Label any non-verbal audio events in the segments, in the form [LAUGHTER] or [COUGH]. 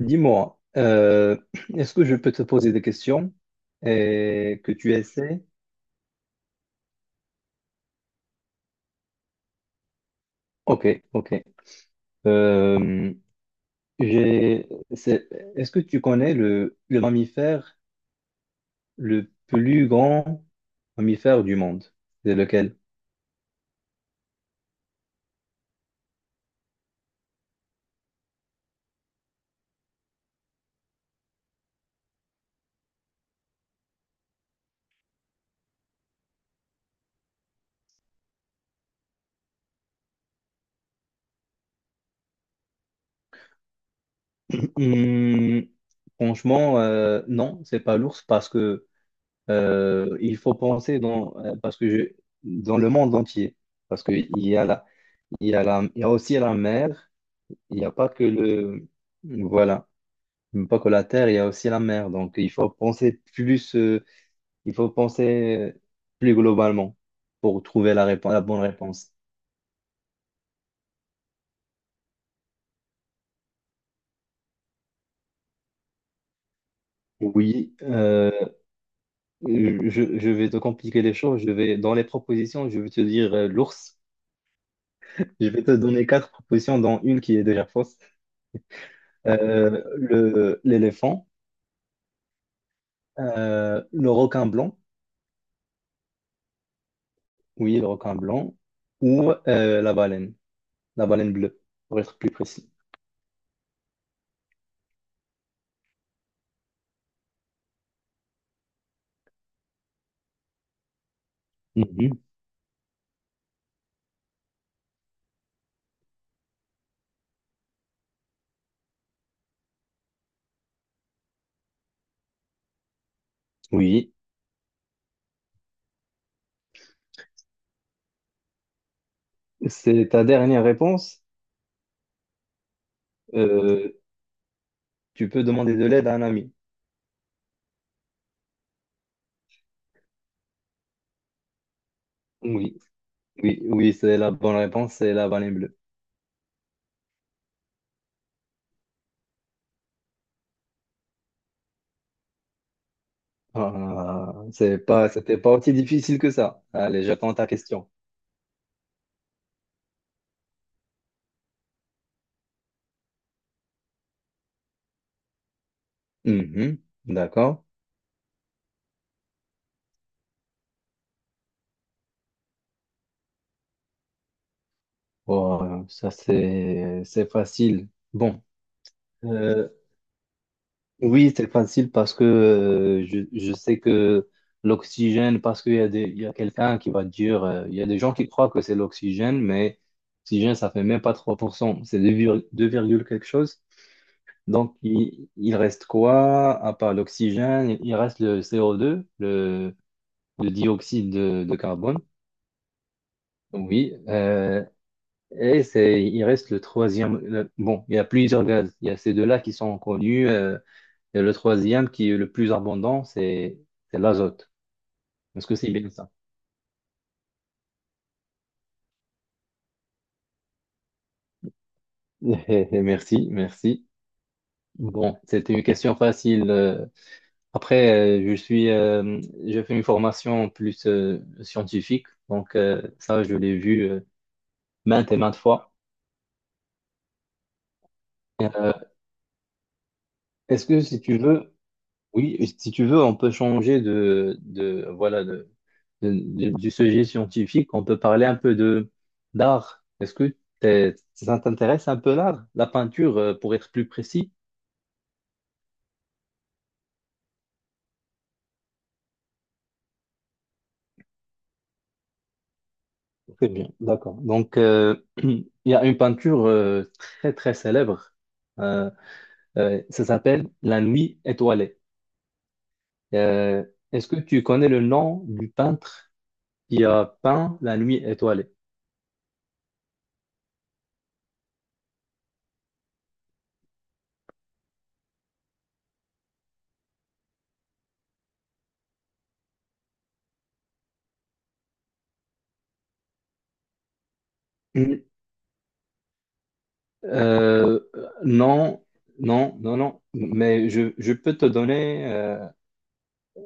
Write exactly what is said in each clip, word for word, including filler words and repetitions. Dis-moi, euh, Est-ce que je peux te poser des questions et que tu essaies? Ok, ok. Euh, j'ai, c'est- est-ce que tu connais le, le mammifère le plus grand mammifère du monde? C'est lequel? Hmm, Franchement, euh, non, c'est pas l'ours parce que euh, il faut penser dans, euh, parce que je- dans le monde entier, parce que il y a la, il y a la, il y a aussi la mer. Il n'y a pas que le... Voilà. Pas que la terre, il y a aussi la mer. Donc, il faut penser plus, euh, il faut penser plus globalement pour trouver la répo- la bonne réponse. Oui, euh, je, je vais te compliquer les choses. Je vais, dans les propositions, je vais te dire euh, l'ours. Je vais te donner quatre propositions, dont une qui est déjà fausse. Euh, le, l'éléphant, euh, le requin blanc, oui, le requin blanc, ou euh, la baleine, la baleine bleue, pour être plus précis. Mhm. Oui, c'est ta dernière réponse. Euh, Tu peux demander de l'aide à un ami. Oui, oui, oui, c'est la bonne réponse, c'est la banane bleue. Ah, c'est pas, c'était pas aussi difficile que ça. Allez, j'attends ta question. Mhm, d'accord. Bon, euh, ça c'est, c'est facile. Bon, euh, Oui, c'est facile parce que euh, je, je sais que l'oxygène, parce qu'il y a des, il y a quelqu'un qui va dire, euh, il y a des gens qui croient que c'est l'oxygène, mais l'oxygène, ça fait même pas trois pour cent, c'est deux, vir- deux virgule quelque chose. Donc, il, il reste quoi à part l'oxygène? Il reste le C O deux, le, le dioxyde de, de carbone. Oui, euh, et c'est, il reste le troisième. Le- bon, il y a plusieurs gaz. Il y a ces deux-là qui sont connus. euh, Et le troisième qui est le plus abondant, c'est c'est l'azote. Est-ce que c'est bien ça? [LAUGHS] Merci, merci. Bon, c'était une question facile. Euh, Après, euh, je suis, euh, j'ai fait une formation plus euh, scientifique, donc euh, ça, je l'ai vu euh, maintes et maintes fois. Euh, est-ce que si tu veux, oui, si tu veux, on peut changer de, de voilà, de, de- du, du sujet scientifique, on peut parler un peu de d'art. Est-ce que t'es- ça t'intéresse un peu l'art? La peinture, euh, pour être plus précis? Très bien, d'accord. Donc, euh, [CLEARS THROAT] il y a une peinture euh, très, très célèbre. Euh, euh, Ça s'appelle La Nuit étoilée. Euh, Est-ce que tu connais le nom du peintre qui a peint La Nuit étoilée? Euh, non, non, non, non. Mais je, je peux te donner euh,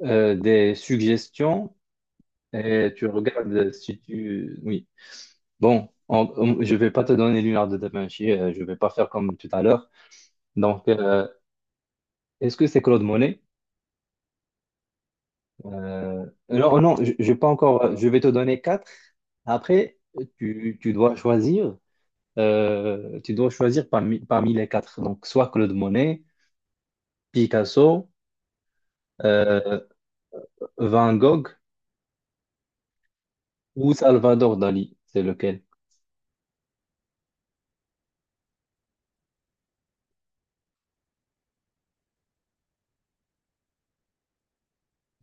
euh, des suggestions. Et tu regardes si tu... Oui. Bon, on- on- je vais pas te donner Léonard de Da Vinci, euh, je vais pas faire comme tout à l'heure. Donc, euh, est-ce que c'est Claude Monet? Euh, non, non, je, je vais pas encore... Je vais te donner quatre. Après, tu, tu dois choisir, euh, tu dois choisir parmi, parmi les quatre. Donc, soit Claude Monet, Picasso, euh, Van Gogh ou Salvador Dali. C'est lequel?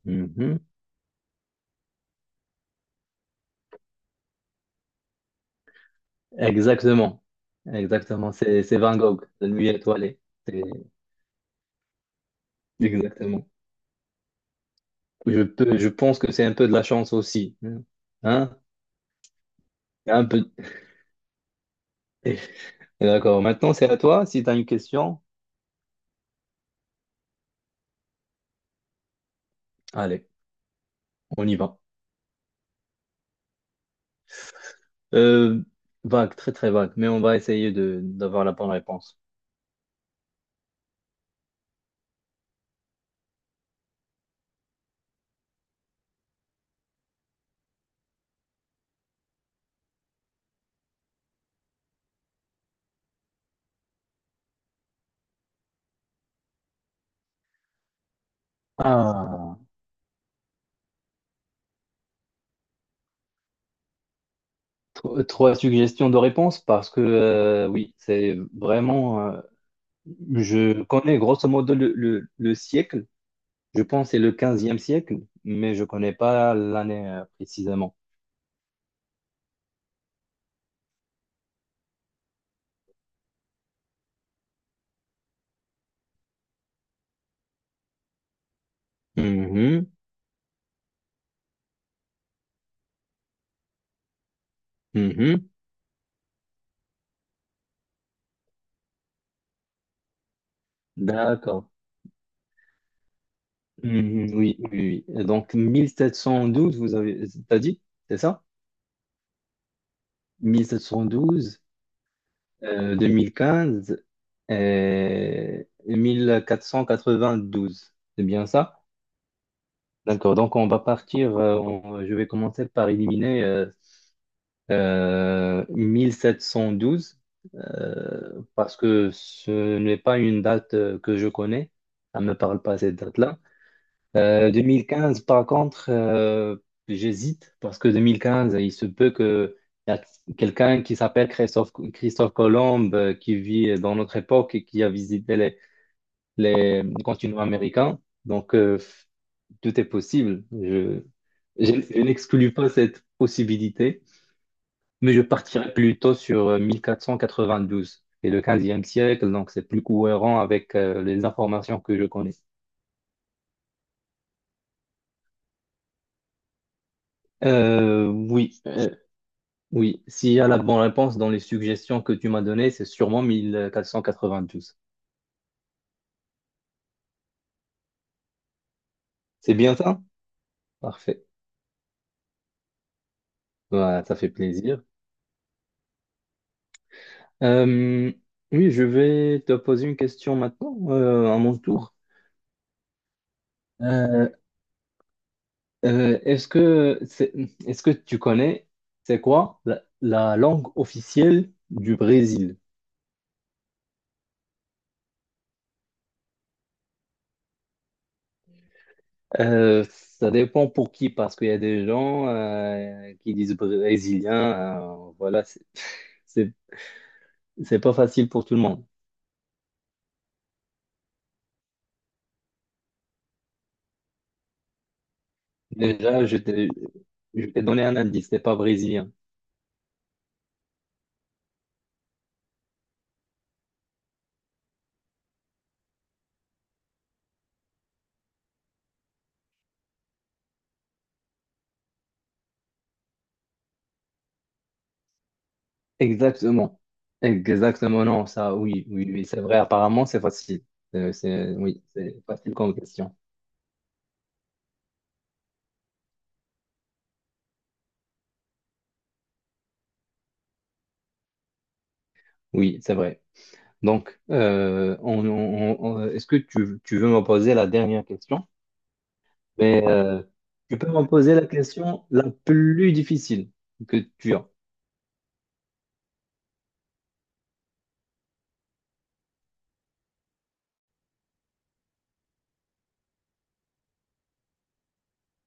Mhm. Exactement. Exactement. C'est, c'est Van Gogh, La nuit étoilée. C'est- Exactement. Je peux, je pense que c'est un peu de la chance aussi. Hein? Un peu. Eh, D'accord. Maintenant, c'est à toi. Si tu as une question, allez, on y va. Euh, Vague, très très vague, mais on va essayer de d'avoir la bonne réponse. Ah, tro- trois suggestions de réponse parce que euh, oui, c'est vraiment. Euh, je connais grosso modo le, le, le siècle. Je pense que c'est le quinzième siècle, mais je connais pas l'année euh, précisément. Mhm, mhm. D'accord. Mhm, oui, oui, oui. Et donc, mille sept cent douze, vous avez, t'as dit, c'est ça? mille sept cent douze, euh, deux mille quinze et quatorze cent quatre-vingt-douze. C'est bien ça? D'accord. Donc, on va partir, euh, on- je vais commencer par éliminer euh, euh, mille sept cent douze, euh, parce que ce n'est pas une date euh, que je connais. Ça ne me parle pas cette date-là. Euh, deux mille quinze, par contre, euh, j'hésite, parce que vingt quinze, il se peut que y a quelqu'un qui s'appelle Christophe, Christophe Colomb, euh, qui vit dans notre époque et qui a visité les, les continents américains. Donc, euh, tout est possible. Je, je je n'exclus pas cette possibilité. Mais je partirais plutôt sur euh, mille quatre cent quatre-vingt-douze et le quinzième siècle, donc c'est plus cohérent avec euh, les informations que je connais. Euh, oui, euh, oui. S'il y a la bonne réponse dans les suggestions que tu m'as données, c'est sûrement quatorze cent quatre-vingt-douze. C'est bien ça? Parfait. Voilà, ça fait plaisir. Euh, oui, je vais te poser une question maintenant, euh, à mon tour. Euh, euh, est-ce que c'est- est-ce que tu connais, c'est quoi la la langue officielle du Brésil? Euh, ça dépend pour qui, parce qu'il y a des gens euh, qui disent brésilien, euh, voilà, c'est [LAUGHS] c'est- c'est pas facile pour tout le monde. Déjà, je t'ai je t'ai donné un indice, c'est pas brésilien. Exactement. Exactement, non, ça, oui, oui, oui, c'est vrai, apparemment, c'est facile. Euh, c'est, oui, c'est facile comme question. Oui, c'est vrai. Donc, euh, on- on- on- est-ce que tu, tu veux me poser la dernière question? Mais euh, tu peux me poser la question la plus difficile que tu as.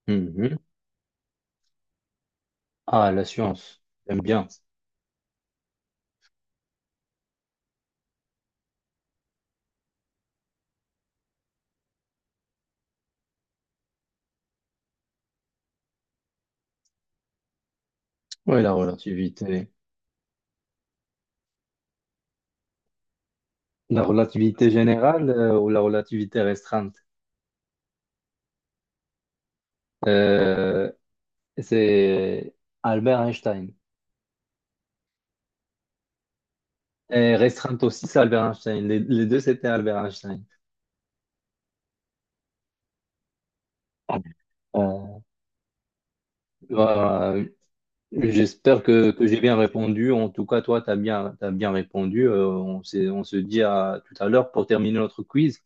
Mhm. Ah, la science. J'aime bien. Oui, la relativité. La relativité générale euh, ou la relativité restreinte? Euh, c'est Albert Einstein. Et restreinte aussi, c'est Albert Einstein. Les, les deux, c'était Albert Einstein. Euh, voilà. J'espère que, que j'ai bien répondu. En tout cas, toi, tu as bien, t'as bien répondu. Euh, on s'est- on se dit à tout à l'heure pour terminer notre quiz.